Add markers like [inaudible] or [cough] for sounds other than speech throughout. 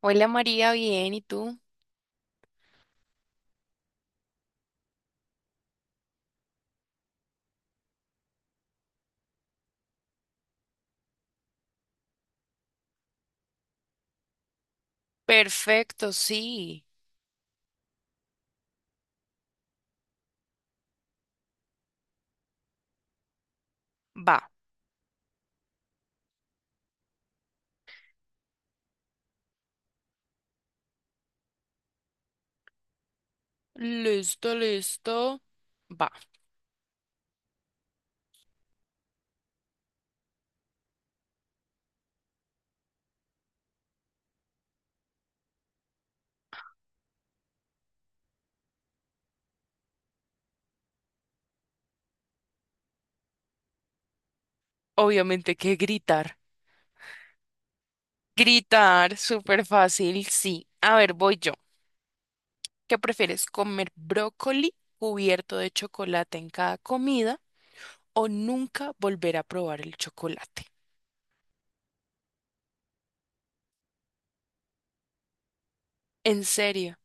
Hola María, bien, ¿y tú? Perfecto, sí. Va. Listo, listo. Va. Obviamente que gritar. Gritar, súper fácil, sí. A ver, voy yo. ¿Qué prefieres, comer brócoli cubierto de chocolate en cada comida o nunca volver a probar el chocolate? ¿En serio?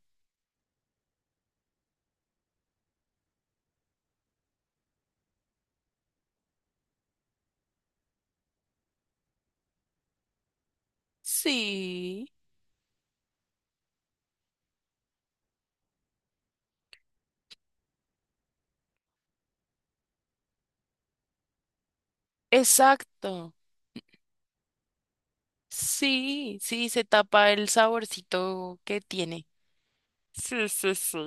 Sí, exacto. Sí, sí, se tapa el saborcito que tiene. Sí, sí, sí.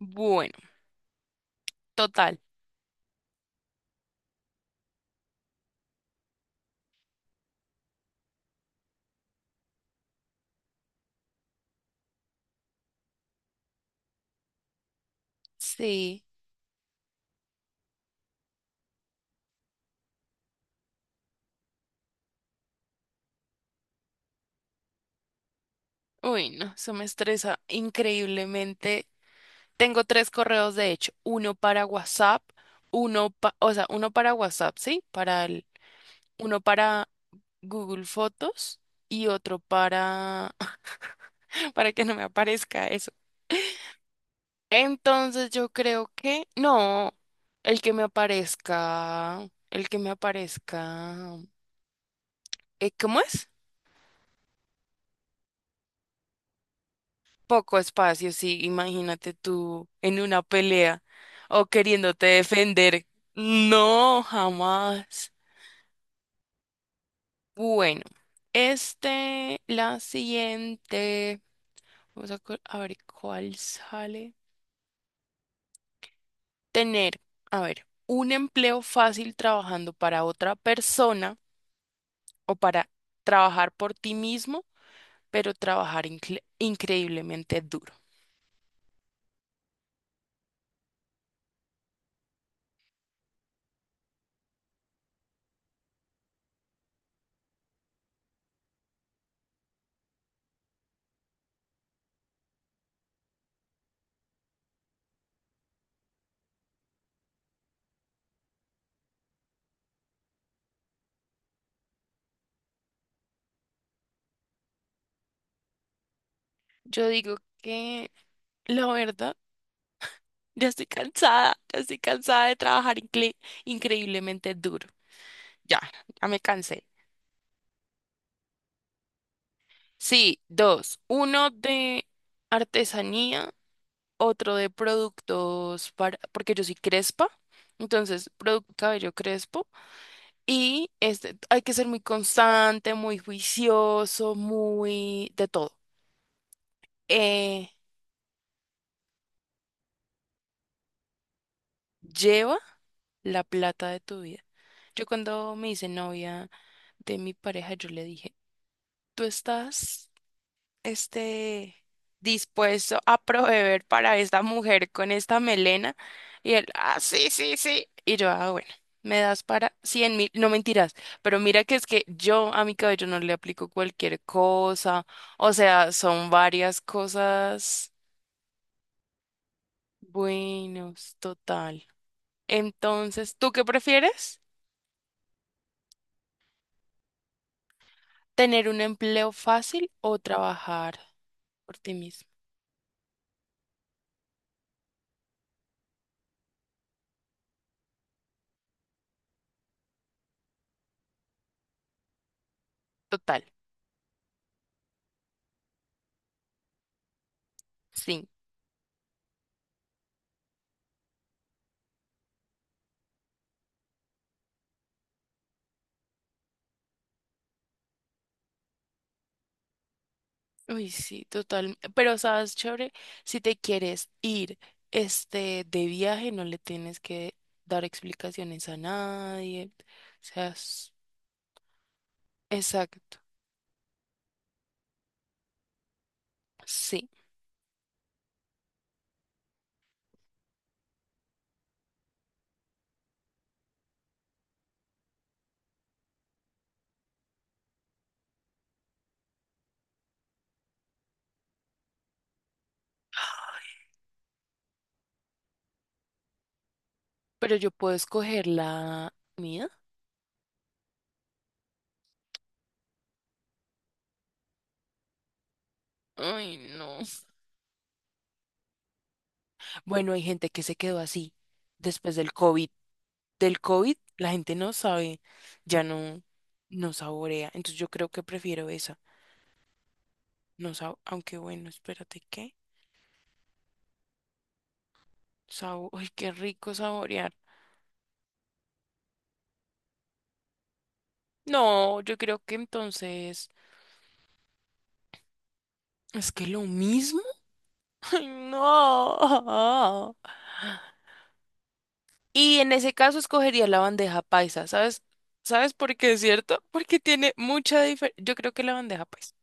Bueno. Total. Sí. Uy, no, eso me estresa increíblemente. Tengo tres correos, de hecho, uno para WhatsApp, o sea, uno para WhatsApp, ¿sí? Para el, uno para Google Fotos y otro para, [laughs] para que no me aparezca eso. Entonces yo creo que, no, el que me aparezca, el que me aparezca, ¿cómo es? Poco espacio, sí, imagínate tú en una pelea o queriéndote defender. No, jamás. Bueno, la siguiente, vamos a, a ver cuál sale. Tener, a ver, un empleo fácil trabajando para otra persona o para trabajar por ti mismo, pero trabajar increíblemente duro. Yo digo que la verdad... ya estoy cansada de trabajar increíblemente duro. Ya, ya me cansé. Sí, dos. Uno de artesanía, otro de productos para, porque yo soy crespa, entonces producto cabello crespo. Y hay que ser muy constante, muy juicioso, muy de todo. Eh, lleva la plata de tu vida. Yo cuando me hice novia de mi pareja, yo le dije, tú estás este, dispuesto a proveer para esta mujer con esta melena. Y él, ah, sí, sí, sí. Y yo, ah, bueno, me das para 100.000, no mentiras, pero mira que es que yo a mi cabello no le aplico cualquier cosa, o sea, son varias cosas buenos, total. Entonces, ¿tú qué prefieres? ¿Tener un empleo fácil o trabajar por ti mismo? Total, sí. Uy, sí, total. Pero sabes, chévere, si te quieres ir de viaje, no le tienes que dar explicaciones a nadie. O sea, exacto. Sí, pero yo puedo escoger la mía. Ay, no. Bueno, hay gente que se quedó así después del COVID. Del COVID, la gente no sabe, ya no, no saborea. Entonces yo creo que prefiero esa. No sab- Aunque bueno, espérate, ¿qué? [laughs] Ay, qué rico saborear. No, yo creo que entonces es que lo mismo. [laughs] Ay, no. Y en ese caso escogería la bandeja paisa, ¿sabes? ¿Sabes por qué es cierto? Porque tiene mucha diferencia. Yo creo que la bandeja paisa.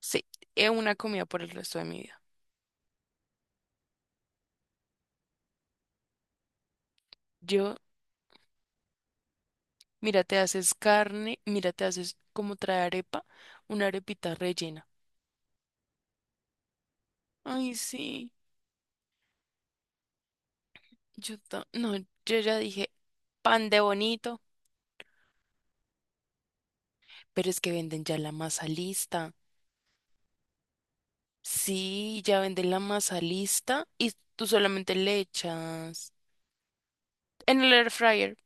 Sí, es una comida por el resto de mi vida. Yo, mira, te haces carne, mira, te haces como trae arepa, una arepita rellena. Ay, sí. No, yo ya dije pan de bonito, pero es que venden ya la masa lista. Sí, ya venden la masa lista y tú solamente le echas en el air fryer.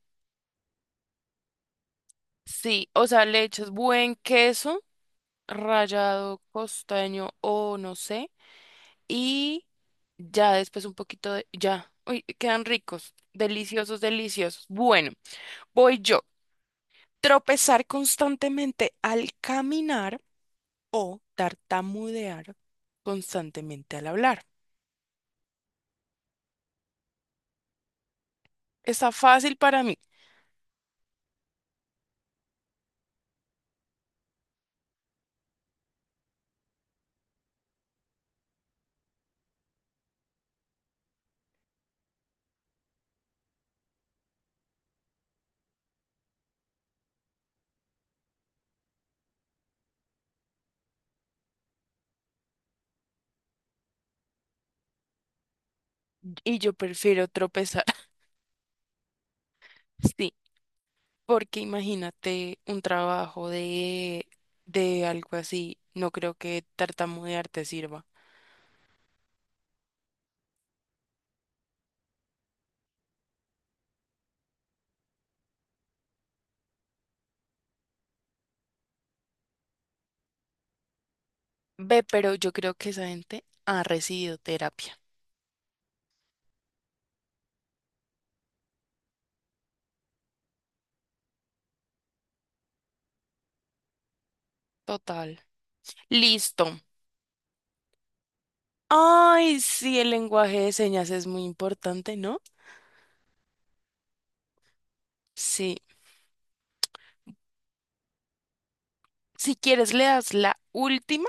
Sí, o sea, le echas buen queso, rallado costeño o no sé, y ya después un poquito de, ya, uy, quedan ricos, deliciosos, deliciosos. Bueno, voy yo. Tropezar constantemente al caminar o tartamudear constantemente al hablar. Está fácil para mí y yo prefiero tropezar. [laughs] Sí. Porque imagínate un trabajo de algo así, no creo que tartamudear te sirva. Ve, pero yo creo que esa gente ha recibido terapia. Total. Listo. Ay, sí, el lenguaje de señas es muy importante, ¿no? Sí. Si quieres, le das la última.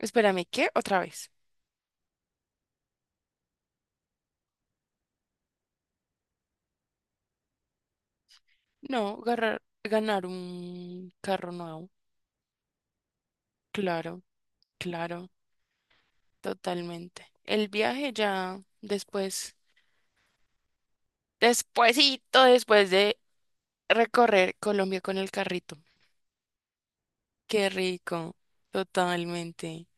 Espérame, ¿qué? Otra vez. No, ganar un carro nuevo. Claro, claro, totalmente. El viaje ya después. Despuésito, después de recorrer Colombia con el carrito. Qué rico, totalmente.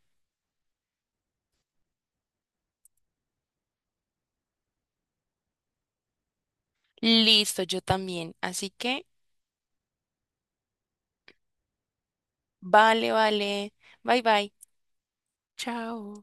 Listo, yo también. Así que, vale, vale. Bye, bye. Chao.